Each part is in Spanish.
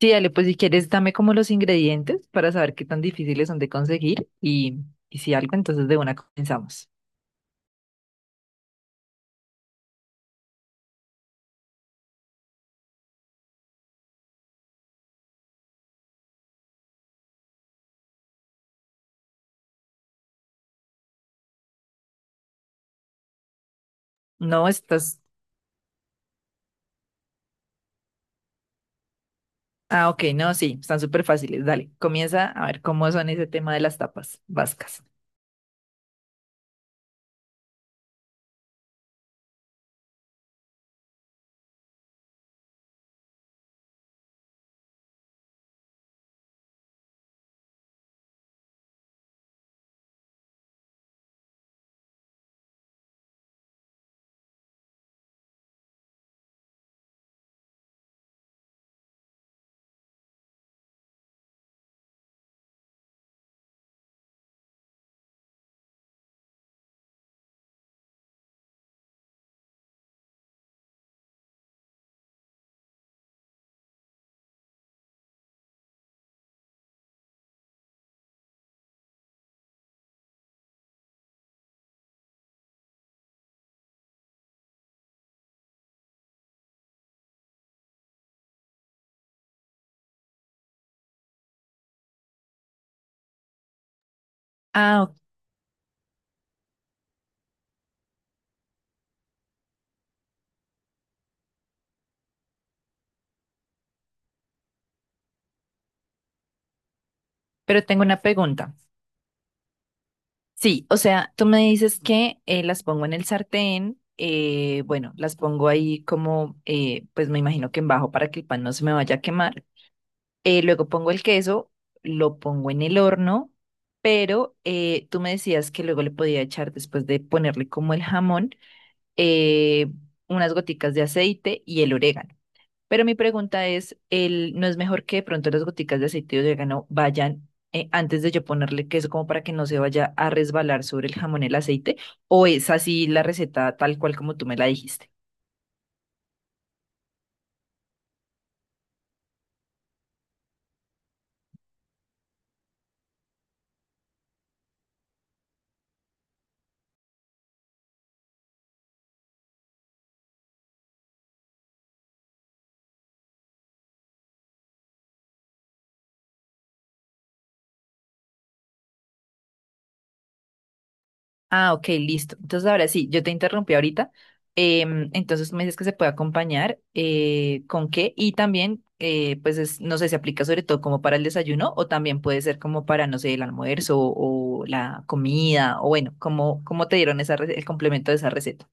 Sí, dale, pues si quieres, dame como los ingredientes para saber qué tan difíciles son de conseguir y, si algo, entonces de una comenzamos. No, estás... Ah, ok, no, sí, están súper fáciles. Dale, comienza a ver cómo son ese tema de las tapas vascas. Ah, ok, pero tengo una pregunta. Sí, o sea, tú me dices que las pongo en el sartén, bueno, las pongo ahí como, pues me imagino que en bajo para que el pan no se me vaya a quemar. Luego pongo el queso, lo pongo en el horno, pero tú me decías que luego le podía echar, después de ponerle como el jamón, eh, unas goticas de aceite y el orégano. Pero mi pregunta es, el, ¿no es mejor que de pronto las goticas de aceite y orégano vayan antes de yo ponerle queso como para que no se vaya a resbalar sobre el jamón el aceite? ¿O es así la receta tal cual como tú me la dijiste? Ah, ok, listo. Entonces ahora sí, yo te interrumpí ahorita. Entonces tú me dices que se puede acompañar con qué y también, pues es- no sé, se aplica sobre todo como para el desayuno o también puede ser como para, no sé, el almuerzo o, la comida o bueno, como, cómo te dieron esa, re- el complemento de esa receta?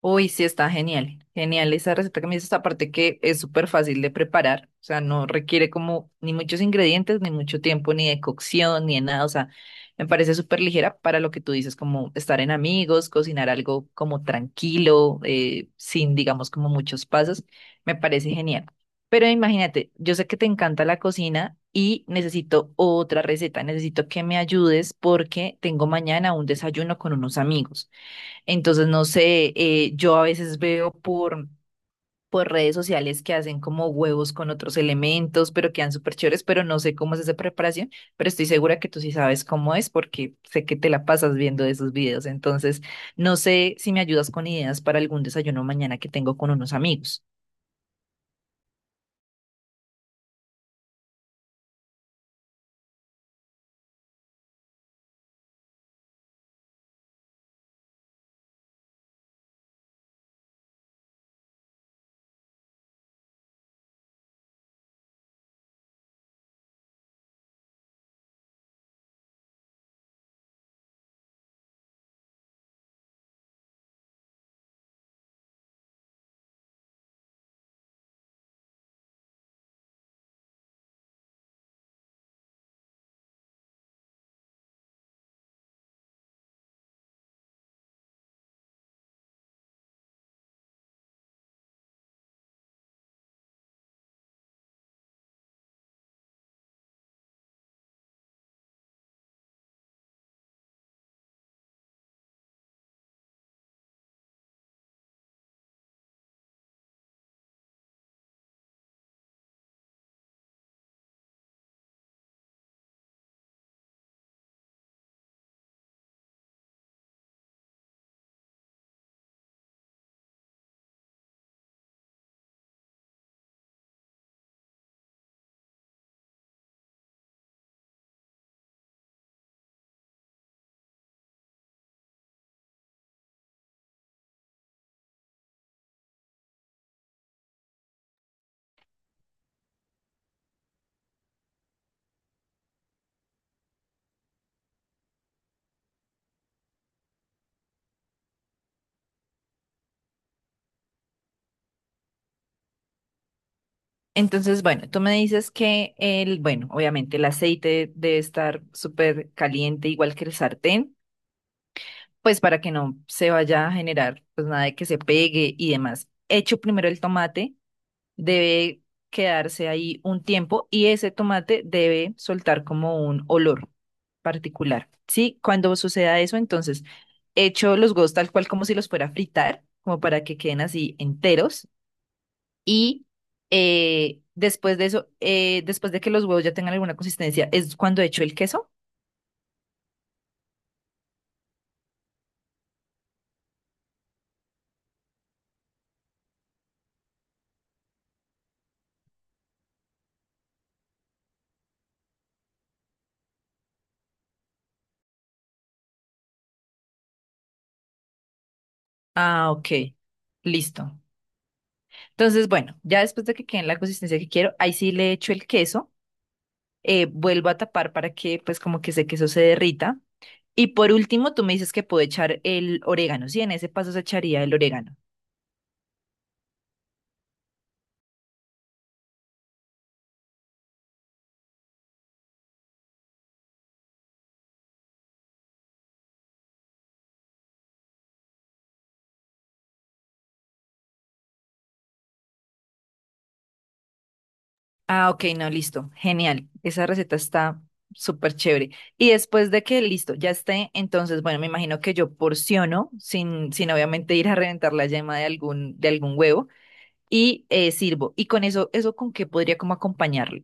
Uy, sí, está genial. Genial esa receta que me dices, aparte que es súper fácil de preparar, o sea, no requiere como ni muchos ingredientes, ni mucho tiempo, ni de cocción, ni de nada, o sea, me parece súper ligera para lo que tú dices, como estar en amigos, cocinar algo como tranquilo, sin, digamos, como muchos pasos, me parece genial. Pero imagínate, yo sé que te encanta la cocina y necesito otra receta, necesito que me ayudes porque tengo mañana un desayuno con unos amigos. Entonces, no sé, yo a veces veo por redes sociales que hacen como huevos con otros elementos, pero quedan súper chéveres, pero no sé cómo es esa preparación, pero estoy segura que tú sí sabes cómo es porque sé que te la pasas viendo esos videos. Entonces, no sé si me ayudas con ideas para algún desayuno mañana que tengo con unos amigos. Entonces, bueno, tú me dices que el, bueno, obviamente el aceite debe estar súper caliente, igual que el sartén. Pues para que no se vaya a generar pues nada de que se pegue y demás. Hecho primero el tomate, debe quedarse ahí un tiempo y ese tomate debe soltar como un olor particular. Sí, cuando suceda eso, entonces hecho los huevos tal cual como si los fuera a fritar, como para que queden así enteros y después de eso, después de que los huevos ya tengan alguna consistencia, es cuando hecho el queso. Ah, ok, listo. Entonces, bueno, ya después de que quede en la consistencia que quiero, ahí sí le echo el queso, vuelvo a tapar para que pues como que ese queso se derrita. Y por último, tú me dices que puedo echar el orégano, sí, en ese paso se echaría el orégano. Ah, ok, no, listo, genial. Esa receta está súper chévere. Y después de que listo, ya esté, entonces, bueno, me imagino que yo porciono sin obviamente ir a reventar la yema de algún huevo y sirvo. Y con eso, ¿eso con qué podría como acompañarlo?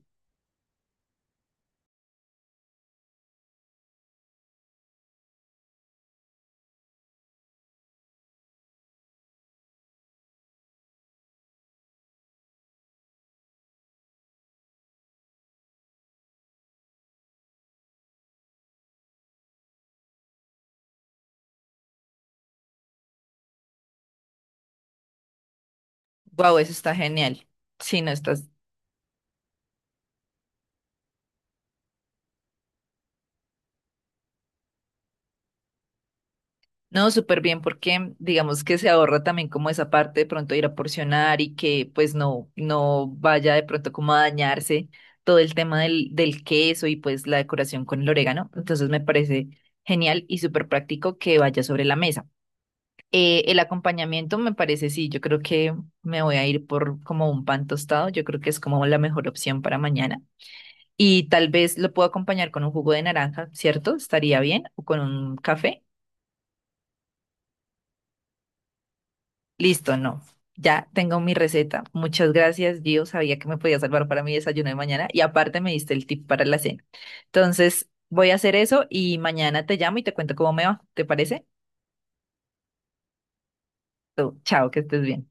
Wow, eso está genial. Sí, no, está. No, súper bien, porque digamos que se ahorra también como esa parte de pronto ir a porcionar y que pues no, no vaya de pronto como a dañarse todo el tema del queso y pues la decoración con el orégano. Entonces me parece genial y súper práctico que vaya sobre la mesa. El acompañamiento me parece, sí, yo creo que me voy a ir por como un pan tostado, yo creo que es como la mejor opción para mañana. Y tal vez lo puedo acompañar con un jugo de naranja, ¿cierto? Estaría bien, o con un café. Listo, no. Ya tengo mi receta. Muchas gracias, Gio. Sabía que me podía salvar para mi desayuno de mañana y aparte me diste el tip para la cena. Entonces, voy a hacer eso y mañana te llamo y te cuento cómo me va. ¿Te parece? Tú, chao, que estés bien.